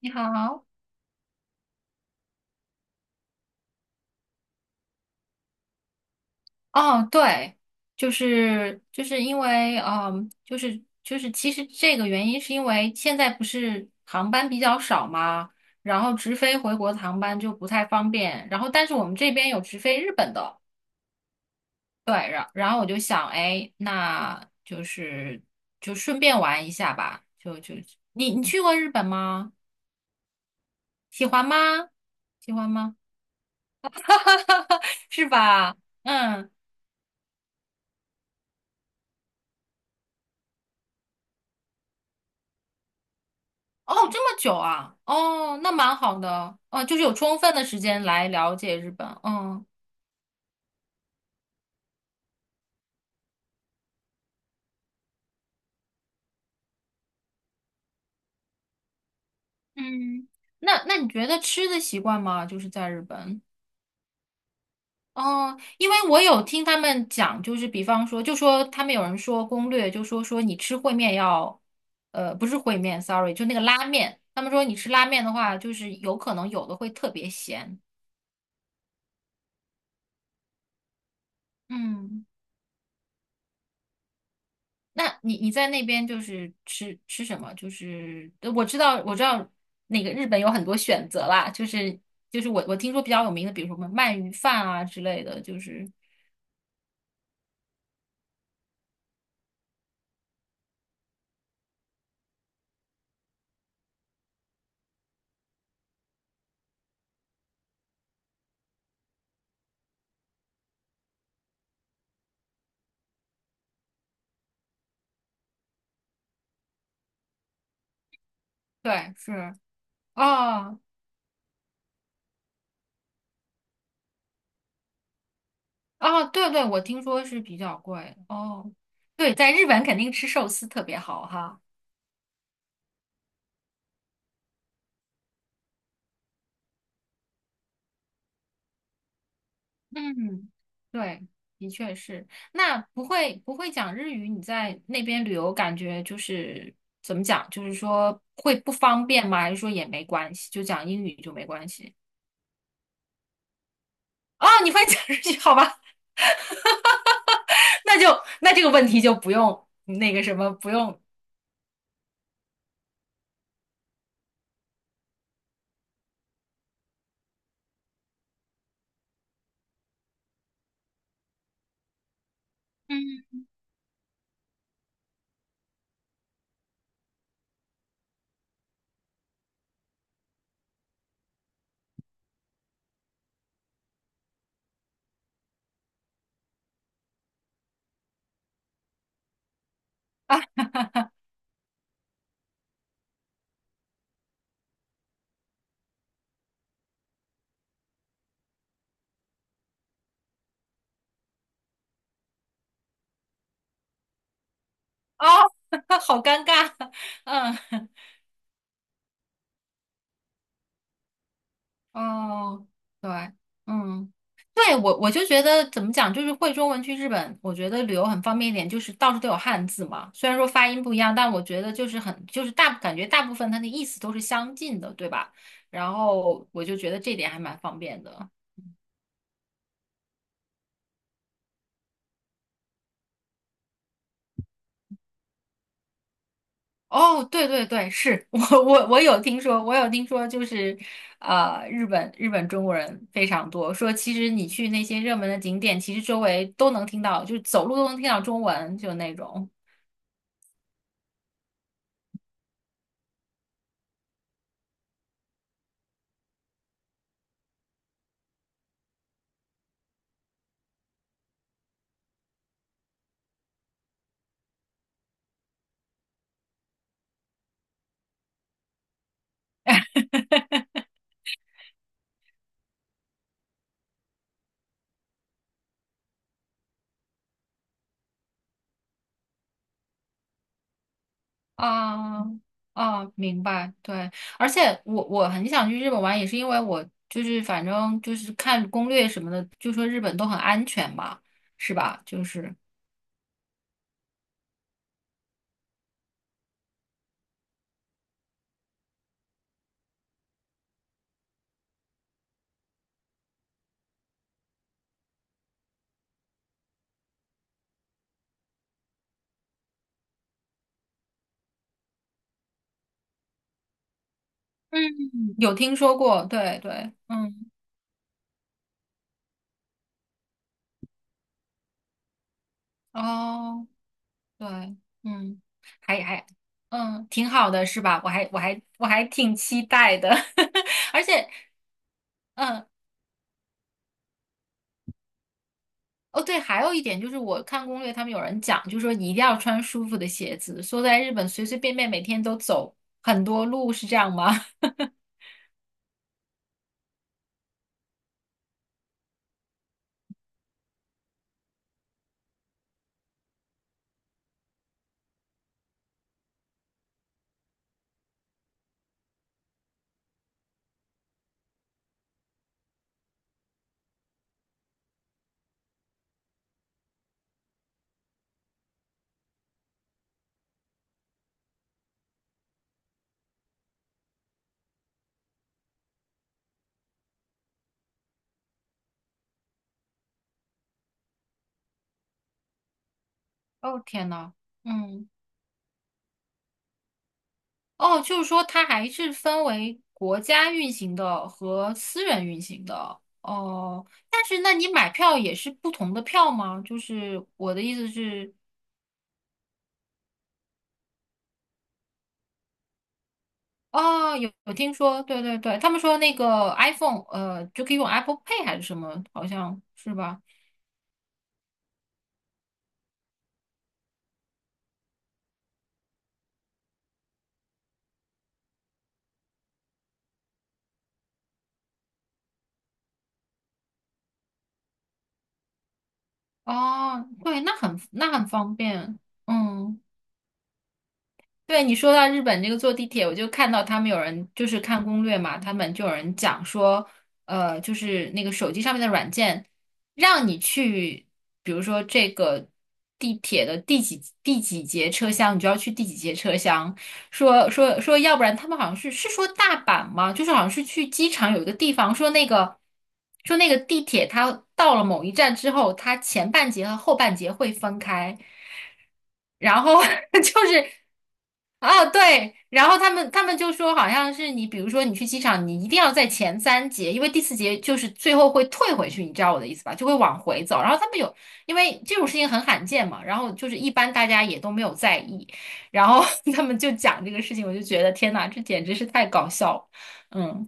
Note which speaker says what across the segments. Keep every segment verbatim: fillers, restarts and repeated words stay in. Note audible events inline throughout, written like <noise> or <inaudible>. Speaker 1: 你好，哦，对，就是就是因为，嗯，就是就是其实这个原因是因为现在不是航班比较少嘛，然后直飞回国的航班就不太方便，然后但是我们这边有直飞日本的，对，然然后我就想，哎，那就是就顺便玩一下吧。就就你你去过日本吗？喜欢吗？喜欢吗？<laughs> 是吧？嗯。哦，这么久啊？哦，那蛮好的，哦，就是有充分的时间来了解日本。嗯嗯，那那你觉得吃的习惯吗？就是在日本。哦，因为我有听他们讲，就是比方说，就说他们有人说攻略，就说说你吃烩面要，呃，不是烩面，sorry，就那个拉面。他们说你吃拉面的话，就是有可能有的会特别咸。嗯。那你你在那边就是吃吃什么？就是呃我知道我知道那个日本有很多选择啦，就是就是我我听说比较有名的，比如说什么鳗鱼饭啊之类的，就是对是哦哦对对，我听说是比较贵哦，对，在日本肯定吃寿司特别好哈。嗯，对，的确是。那不会不会讲日语，你在那边旅游，感觉就是怎么讲？就是说会不方便吗？还是说也没关系，就讲英语就没关系？哦，你会讲日语，<laughs> 好吧？<laughs> 那就那这个问题就不用那个什么，不用。嗯。哦，<laughs> 好尴尬。<laughs> 嗯哦，对，嗯，对，我我就觉得怎么讲，就是会中文去日本，我觉得旅游很方便一点，就是到处都有汉字嘛。虽然说发音不一样，但我觉得就是很，就是大，感觉大部分它的意思都是相近的，对吧？然后我就觉得这点还蛮方便的。哦，对对对，是 <laughs> 我我我有听说，我有听说，就是呃，日本日本中国人非常多，说其实你去那些热门的景点，其实周围都能听到，就是走路都能听到中文，就那种。啊啊，明白，对，而且我我很想去日本玩，也是因为我就是反正就是看攻略什么的，就说日本都很安全嘛，是吧？就是嗯，有听说过，对对，嗯，哦，对，嗯，还还嗯，挺好的，是吧？我还我还我还挺期待的，<laughs> 而且。嗯。哦，对，还有一点就是，我看攻略，他们有人讲，就是说你一定要穿舒服的鞋子。说在日本随随便便每天都走很多路，是这样吗？<laughs> 哦，天呐，嗯，哦，就是说它还是分为国家运行的和私人运行的。哦，但是那你买票也是不同的票吗？就是我的意思是，哦，有有听说，对对对，他们说那个 iPhone，呃，就可以用 Apple Pay 还是什么，好像是吧？哦，对，那很那很方便，嗯。对你说到日本这个坐地铁，我就看到他们有人就是看攻略嘛，他们就有人讲说，呃，就是那个手机上面的软件，让你去，比如说这个地铁的第几第几节车厢，你就要去第几节车厢。说说说，要不然他们好像是是说大阪吗？就是好像是去机场有一个地方，说那个说那个地铁它到了某一站之后，它前半节和后半节会分开。然后 <laughs> 就是啊，对，然后他们他们就说，好像是你，比如说你去机场，你一定要在前三节，因为第四节就是最后会退回去，你知道我的意思吧？就会往回走。然后他们有，因为这种事情很罕见嘛，然后就是一般大家也都没有在意，然后 <laughs> 他们就讲这个事情，我就觉得天哪，这简直是太搞笑了，嗯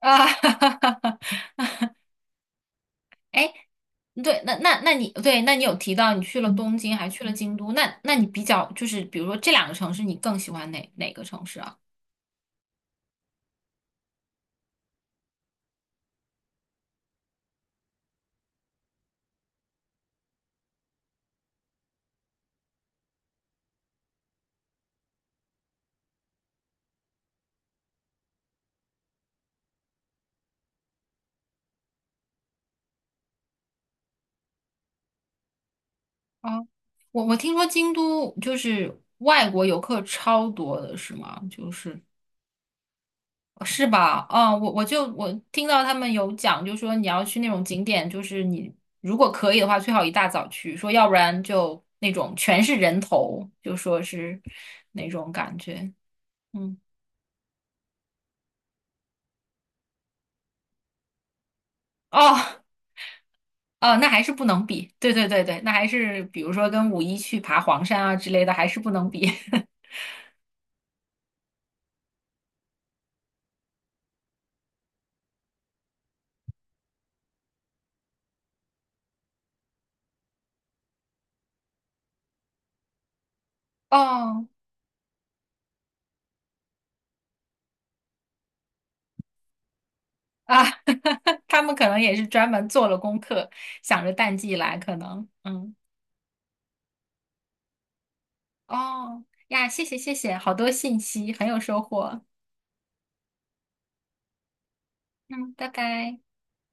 Speaker 1: 啊，<laughs> 哎对，那那那你对，那你有提到你去了东京，还去了京都，那那你比较就是，比如说这两个城市，你更喜欢哪哪个城市啊？啊，我我听说京都就是外国游客超多的，是吗？就是是吧？啊，我我就我听到他们有讲，就说你要去那种景点，就是你如果可以的话，最好一大早去，说要不然就那种全是人头，就说是那种感觉。嗯，哦，哦，那还是不能比。对对对对，那还是比如说跟五一去爬黄山啊之类的，还是不能比。<laughs> 哦啊，<laughs> 他们可能也是专门做了功课，想着淡季来，可能。嗯。哦呀，谢谢谢谢，好多信息，很有收获。嗯，拜拜。